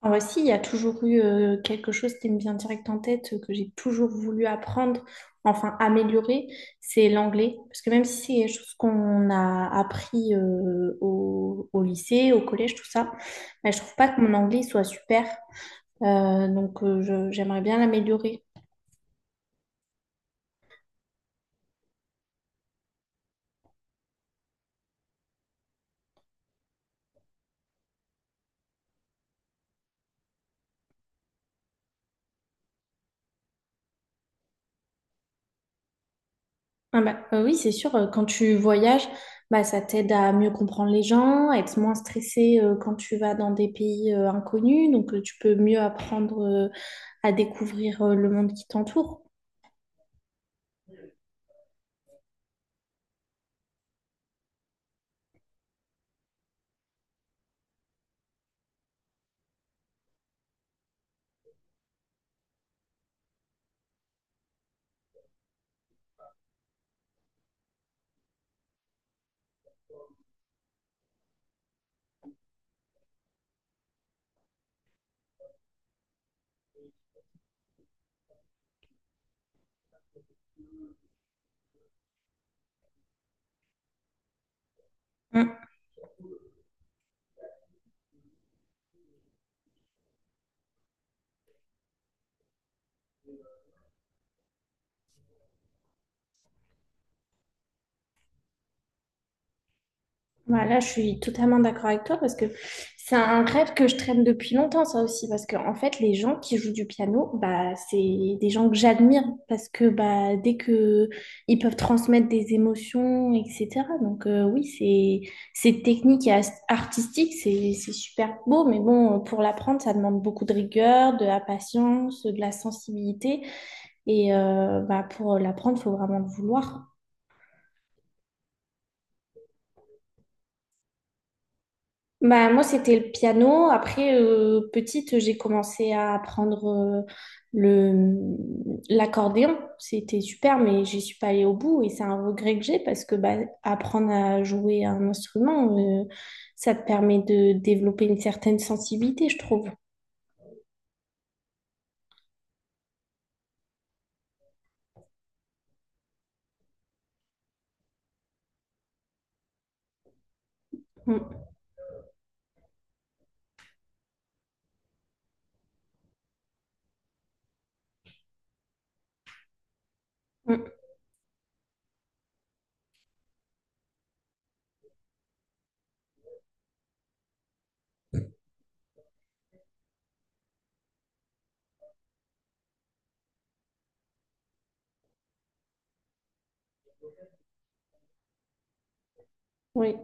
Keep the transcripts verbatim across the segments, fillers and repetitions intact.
En vrai, si, il y a toujours eu euh, quelque chose qui me vient direct en tête, euh, que j'ai toujours voulu apprendre, enfin améliorer, c'est l'anglais. Parce que même si c'est quelque chose qu'on a appris euh, au, au lycée, au collège, tout ça, mais je trouve pas que mon anglais soit super. Euh, donc euh, je- j'aimerais bien l'améliorer. Ah bah, euh, oui, c'est sûr, euh, quand tu voyages, bah, ça t'aide à mieux comprendre les gens, à être moins stressé euh, quand tu vas dans des pays euh, inconnus, donc euh, tu peux mieux apprendre euh, à découvrir euh, le monde qui t'entoure. Voilà, je suis totalement d'accord avec toi parce que c'est un rêve que je traîne depuis longtemps, ça aussi, parce que en fait, les gens qui jouent du piano, bah, c'est des gens que j'admire parce que bah, dès que ils peuvent transmettre des émotions, et cetera. Donc euh, oui, c'est c'est technique et as- artistique, c'est c'est super beau, mais bon, pour l'apprendre, ça demande beaucoup de rigueur, de la patience, de la sensibilité, et euh, bah, pour l'apprendre, faut vraiment le vouloir. Bah, moi, c'était le piano. Après, euh, petite, j'ai commencé à apprendre euh, le, l'accordéon. C'était super, mais j'y suis pas allée au bout et c'est un regret que j'ai parce que bah, apprendre à jouer un instrument, euh, ça te permet de développer une certaine sensibilité, je trouve. Mm, mm, oui.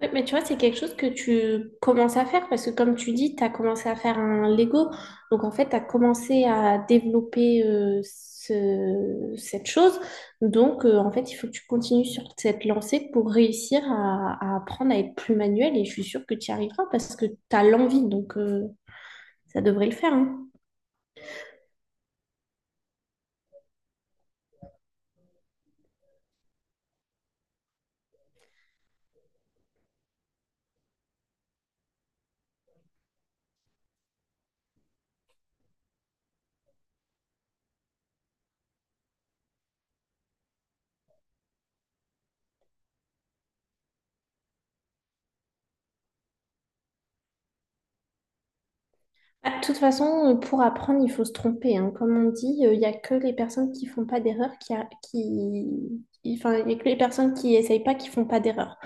Ouais, mais tu vois, c'est quelque chose que tu commences à faire parce que comme tu dis, tu as commencé à faire un Lego. Donc en fait, tu as commencé à développer euh, ce- cette chose. Donc euh, en fait, il faut que tu continues sur cette lancée pour réussir à, à apprendre à être plus manuel. Et je suis sûre que tu y arriveras parce que tu as l'envie. Donc euh, ça devrait le faire, hein. Ah, de toute façon, euh, pour apprendre, il faut se tromper. Hein. Comme on dit, euh, il n'y a que les personnes qui font pas d'erreur qui, a- qui... qui- Enfin, il y a que les personnes qui essayent pas qui font pas d'erreur.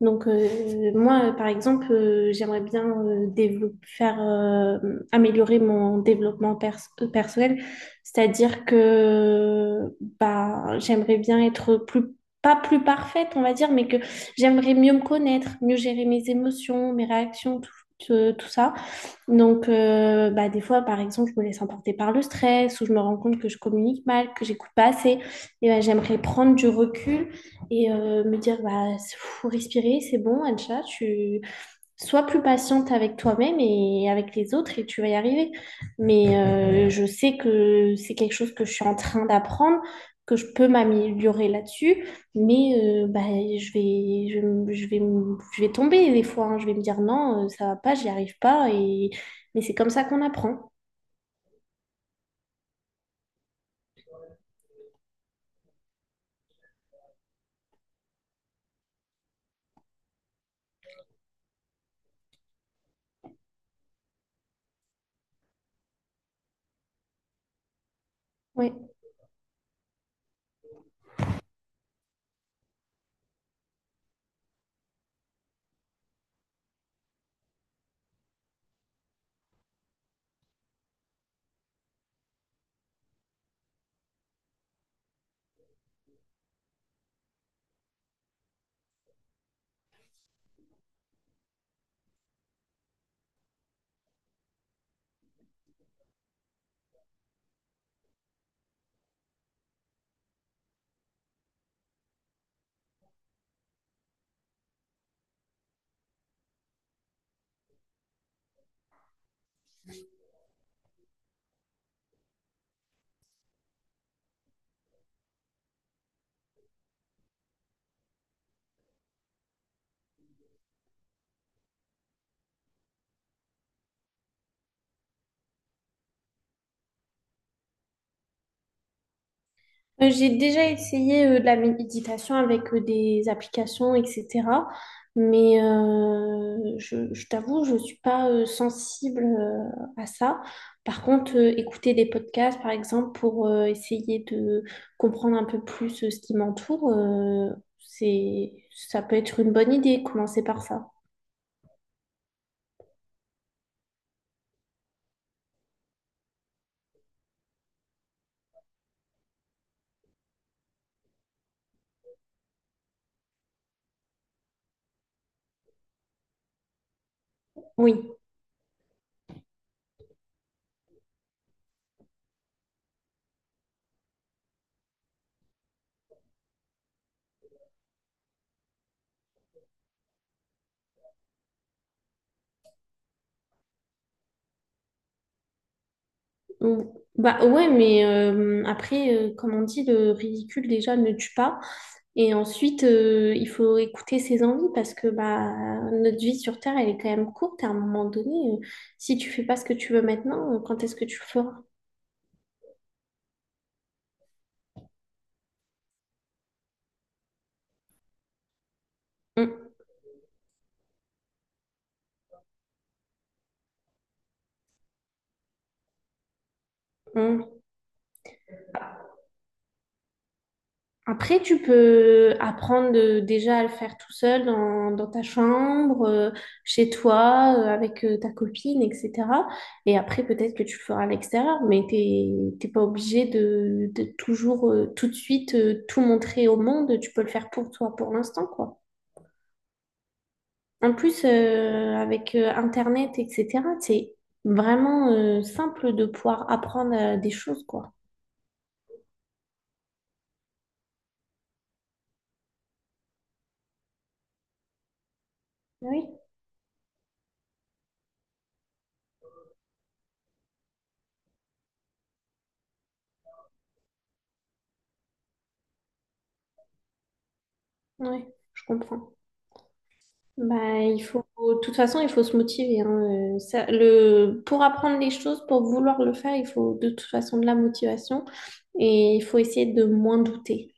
Donc, euh, moi, euh, par exemple, euh, j'aimerais bien euh, dévelop- faire, euh, améliorer mon développement pers- euh, personnel. C'est-à-dire que bah, j'aimerais bien être plus, pas plus parfaite, on va dire, mais que j'aimerais mieux me connaître, mieux gérer mes émotions, mes réactions, tout, tout tout ça. Donc, euh, bah, des fois, par exemple, je me laisse emporter par le stress ou je me rends compte que je communique mal, que j'écoute pas assez. Et bah, j'aimerais prendre du recul et euh, me dire, bah, faut respirer, c'est bon, Ancha, tu, sois plus patiente avec toi-même et avec les autres et tu vas y arriver. Mais euh, je sais que c'est quelque chose que je suis en train d'apprendre, que je peux m'améliorer là-dessus, mais euh, bah, je vais, je, vais- je vais, je vais tomber des fois, hein. Je vais me dire non, euh, ça va pas, j'y arrive pas, et... mais c'est comme ça qu'on apprend. Ouais. Euh, J'ai déjà essayé euh, de la méditation avec euh, des applications, et cetera. Mais euh, je, je t'avoue, je ne suis pas euh, sensible euh, à ça. Par contre, euh, écouter des podcasts, par exemple, pour euh, essayer de comprendre un peu plus euh, ce qui m'entoure, euh, c'est, ça peut être une bonne idée, commencer par ça. Oui. Ou- bah ouais, mais euh, après, euh, comme on dit, le ridicule déjà ne tue pas. Et ensuite, euh, il faut écouter ses envies parce que bah, notre vie sur Terre, elle est quand même courte. À un moment donné, euh, si tu fais pas ce que tu veux maintenant, euh, quand est-ce que tu le feras? Mm, mm. Après, tu peux apprendre euh, déjà à le faire tout seul dans, dans ta chambre, euh, chez toi, euh, avec euh, ta copine, et cetera. Et après, peut-être que tu le feras à l'extérieur, mais t'es, t'es pas obligé de, de toujours, euh, tout de suite, euh, tout montrer au monde. Tu peux le faire pour toi pour l'instant, quoi. En plus, euh, avec euh, Internet, et cetera, c'est vraiment euh, simple de pouvoir apprendre euh, des choses, quoi. Oui, oui, je comprends. Bah, il faut, de toute façon, il faut se motiver. Hein. Euh, ça- le, pour apprendre les choses, pour vouloir le faire, il faut de toute façon de la motivation et il faut essayer de moins douter.